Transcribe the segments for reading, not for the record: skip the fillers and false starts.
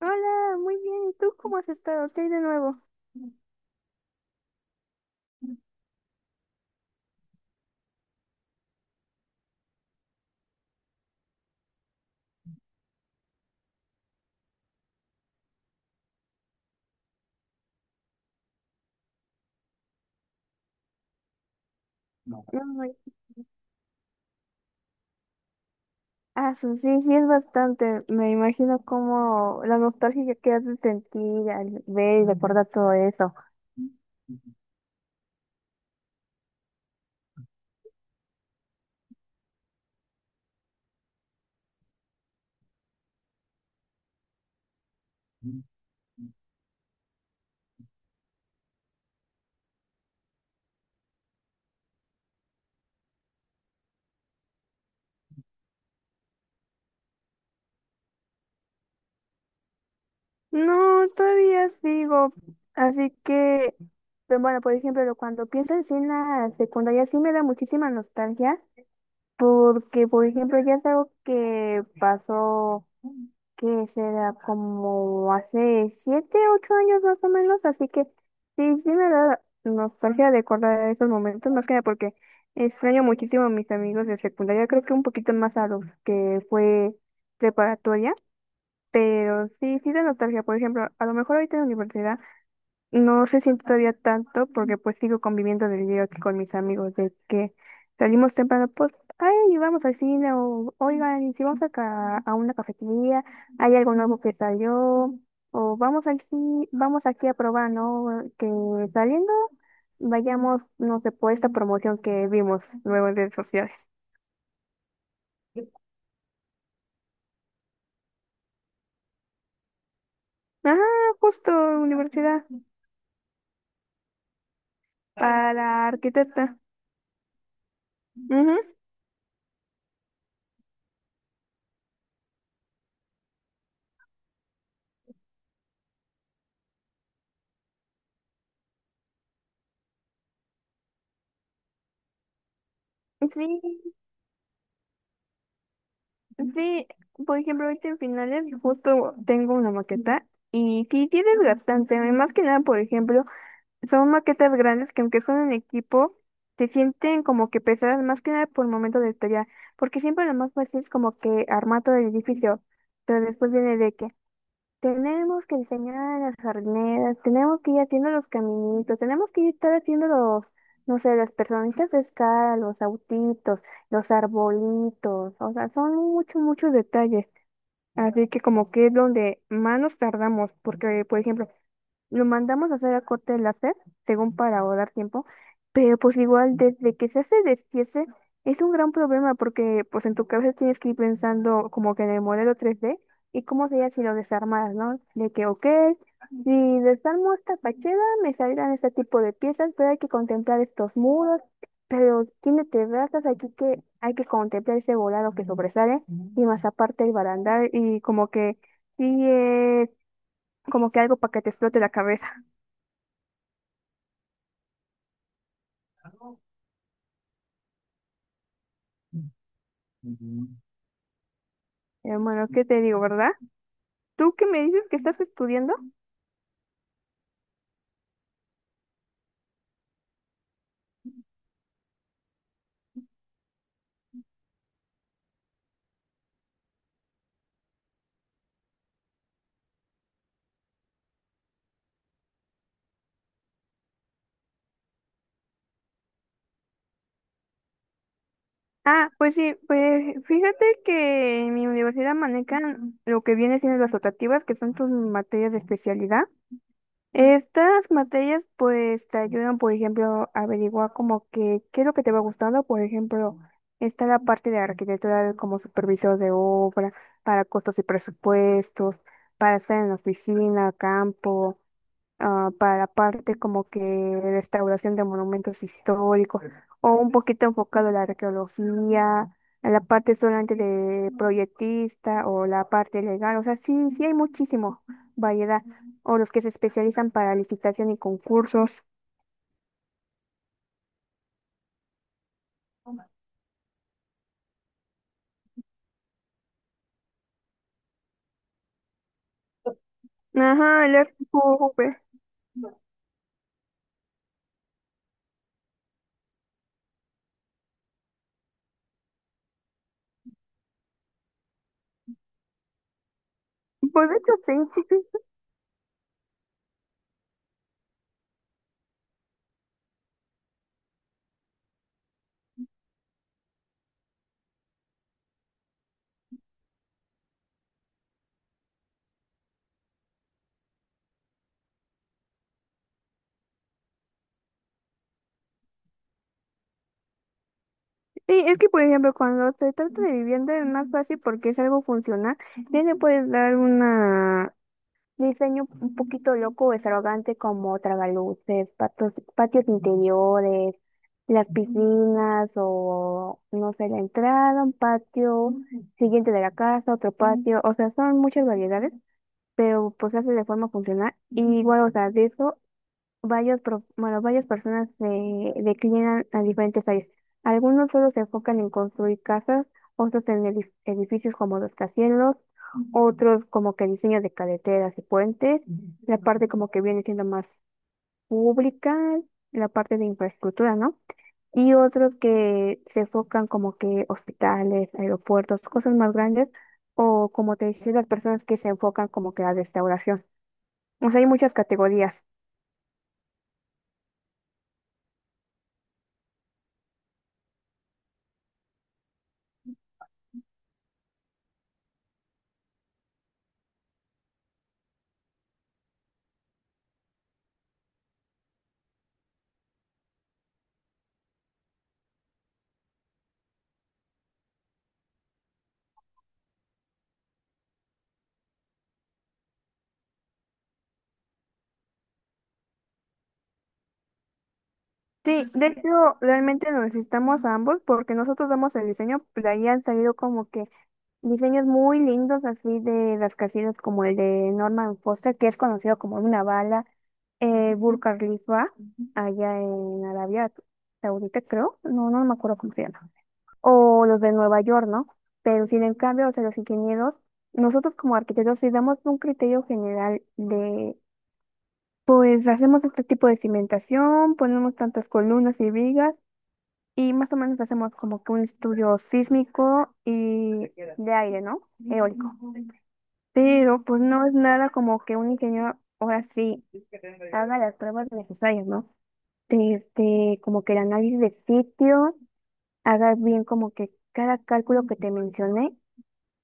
Hola, muy bien. ¿Y tú cómo has estado? ¿Qué hay de nuevo? Ay, ah, sí, sí, es bastante. Me imagino como la nostalgia que has de sentir al ver y recordar todo eso. No, todavía sigo. Así que, pero bueno, por ejemplo, cuando pienso en sí en la secundaria, sí me da muchísima nostalgia, porque, por ejemplo, ya es algo que pasó. Que será como hace 7, 8 años más o menos, así que sí, sí me da nostalgia de acordar esos momentos, más que nada porque extraño muchísimo a mis amigos de secundaria, creo que un poquito más a los que fue preparatoria, pero sí, sí da nostalgia, por ejemplo, a lo mejor ahorita en la universidad no se siente todavía tanto porque pues sigo conviviendo del día aquí con mis amigos de que salimos temprano, pues, ay, vamos al cine o, oigan, y si vamos a ca a una cafetería, hay algo nuevo que salió, o vamos al cine, vamos aquí a probar, ¿no? Que saliendo vayamos, no sé, por esta promoción que vimos luego en redes sociales. Ajá, justo universidad para arquitecta. Ujú. Sí. Sí, por ejemplo, ahorita en finales justo tengo una maqueta y sí tienes bastante, más que nada, por ejemplo, son maquetas grandes que aunque son en equipo, se sienten como que pesadas más que nada por el momento de tarea, porque siempre lo más fácil es como que armar todo el edificio, pero después viene de que, tenemos que diseñar a las jardineras, tenemos que ir haciendo los caminitos, tenemos que ir estar haciendo los, no sé, las personitas de escala, los autitos, los arbolitos, o sea, son muchos, muchos detalles. Así que como que es donde más nos tardamos, porque por ejemplo, lo mandamos a hacer a corte láser, según para ahorrar tiempo, pero pues igual desde que se hace destiese es un gran problema porque pues en tu cabeza tienes que ir pensando como que en el modelo 3D y cómo sería si lo desarmaras, ¿no? De que, ok, si desarmo esta fachada me saldrán este tipo de piezas, pero hay que contemplar estos muros, pero tiene terrazas aquí que hay que contemplar ese volado que sobresale y más aparte el barandal y como que sí es como que algo para que te explote la cabeza. Hermano, ¿qué te digo, verdad? ¿Tú qué me dices que estás estudiando? Ah, pues sí, pues fíjate que en mi universidad manejan lo que viene siendo las optativas, que son tus materias de especialidad. Estas materias pues te ayudan, por ejemplo, a averiguar como que qué es lo que te va gustando. Por ejemplo, está la parte de arquitectura como supervisor de obra, para costos y presupuestos, para estar en la oficina, campo, ah, para parte como que restauración de monumentos históricos o un poquito enfocado a la arqueología, a la parte solamente de proyectista o la parte legal, o sea, sí, sí hay muchísimo variedad, o los que se especializan para licitación y concursos. Ajá, el RQV. Pues de hecho sí. Sí, es que por ejemplo cuando se trata de vivienda es más fácil porque es algo funcional. Ya le puedes dar una. Diseño un poquito loco o extravagante como tragaluces, patios interiores, las piscinas o, no sé, la entrada, un patio siguiente de la casa, otro patio, o sea, son muchas variedades, pero pues se hace de forma funcional. Y igual, o sea, de eso varios, bueno, varias personas se declinan a diferentes áreas. Algunos solo se enfocan en construir casas, otros en edificios como los rascacielos, otros como que diseño de carreteras y puentes, la parte como que viene siendo más pública, la parte de infraestructura, ¿no? Y otros que se enfocan como que hospitales, aeropuertos, cosas más grandes, o como te decía, las personas que se enfocan como que a la restauración. O sea, hay muchas categorías. Sí, de hecho, realmente nos necesitamos a ambos porque nosotros damos el diseño, pero ahí han salido como que diseños muy lindos así de las casillas como el de Norman Foster, que es conocido como una bala, Burj Khalifa, allá en Arabia Saudita, creo, no, no me acuerdo cómo se llama, o los de Nueva York, ¿no? Pero sin en cambio, o sea, los ingenieros, nosotros como arquitectos sí damos un criterio general de, pues hacemos este tipo de cimentación, ponemos tantas columnas y vigas, y más o menos hacemos como que un estudio sísmico y de aire, ¿no? Eólico. Pero pues no es nada como que un ingeniero ahora sí haga las pruebas necesarias, ¿no? Este, como que el análisis de sitio, haga bien como que cada cálculo que te mencioné.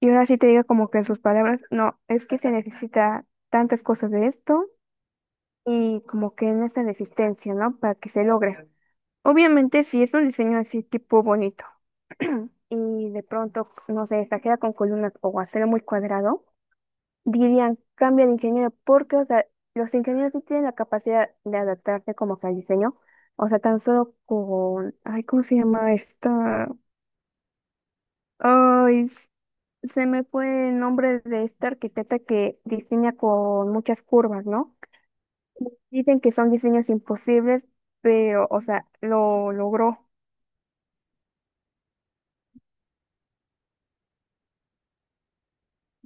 Y ahora sí te diga como que en sus palabras, no, es que se necesita tantas cosas de esto y como que en esta resistencia, ¿no? Para que se logre. Obviamente si es un diseño así tipo bonito. Y de pronto, no sé, esta queda con columnas o hacerlo muy cuadrado, dirían, cambia de ingeniero, porque, o sea, los ingenieros sí tienen la capacidad de adaptarse como que al diseño, o sea, tan solo con, ay, ¿cómo se llama esta? Ay, se me fue el nombre de esta arquitecta que diseña con muchas curvas, ¿no? Dicen que son diseños imposibles, pero, o sea, lo logró.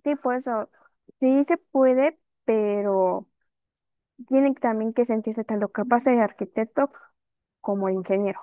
Sí, por eso, sí se puede, pero... Tiene también que sentirse tanto capaz de arquitecto como de ingeniero.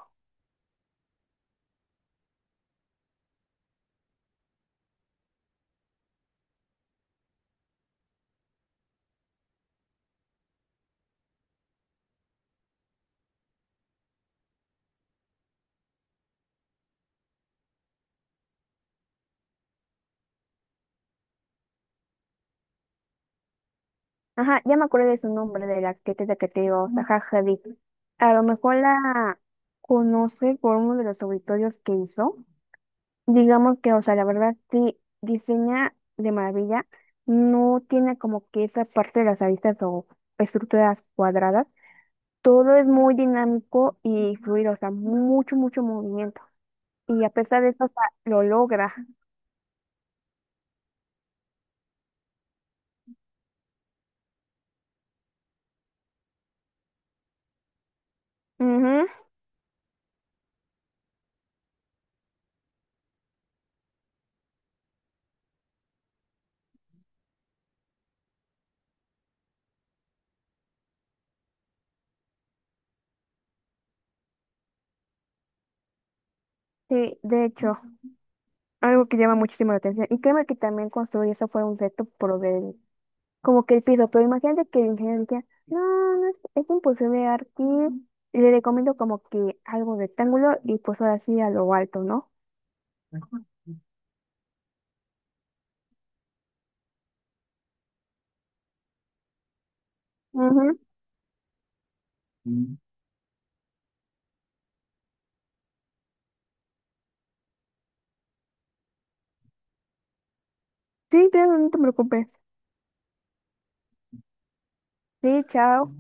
Ajá, ya me acuerdo de su nombre, de la arquitecta que te digo, Zaha Hadid. A lo mejor la conoce por uno de los auditorios que hizo. Digamos que, o sea, la verdad sí diseña de maravilla. No tiene como que esa parte de las aristas o estructuras cuadradas. Todo es muy dinámico y fluido, o sea, mucho, mucho movimiento. Y a pesar de eso, o sea, lo logra. Ujú, sí, de hecho. Algo que llama muchísimo la atención. Y créeme que también construir eso fue un reto por ver como que el piso. Pero imagínate que el ingeniero decía, no, no es imposible aquí. Le recomiendo como que algo rectángulo y pues ahora sí a lo alto, ¿no? Ujú. Sí, claro, no te preocupes. Sí, chao.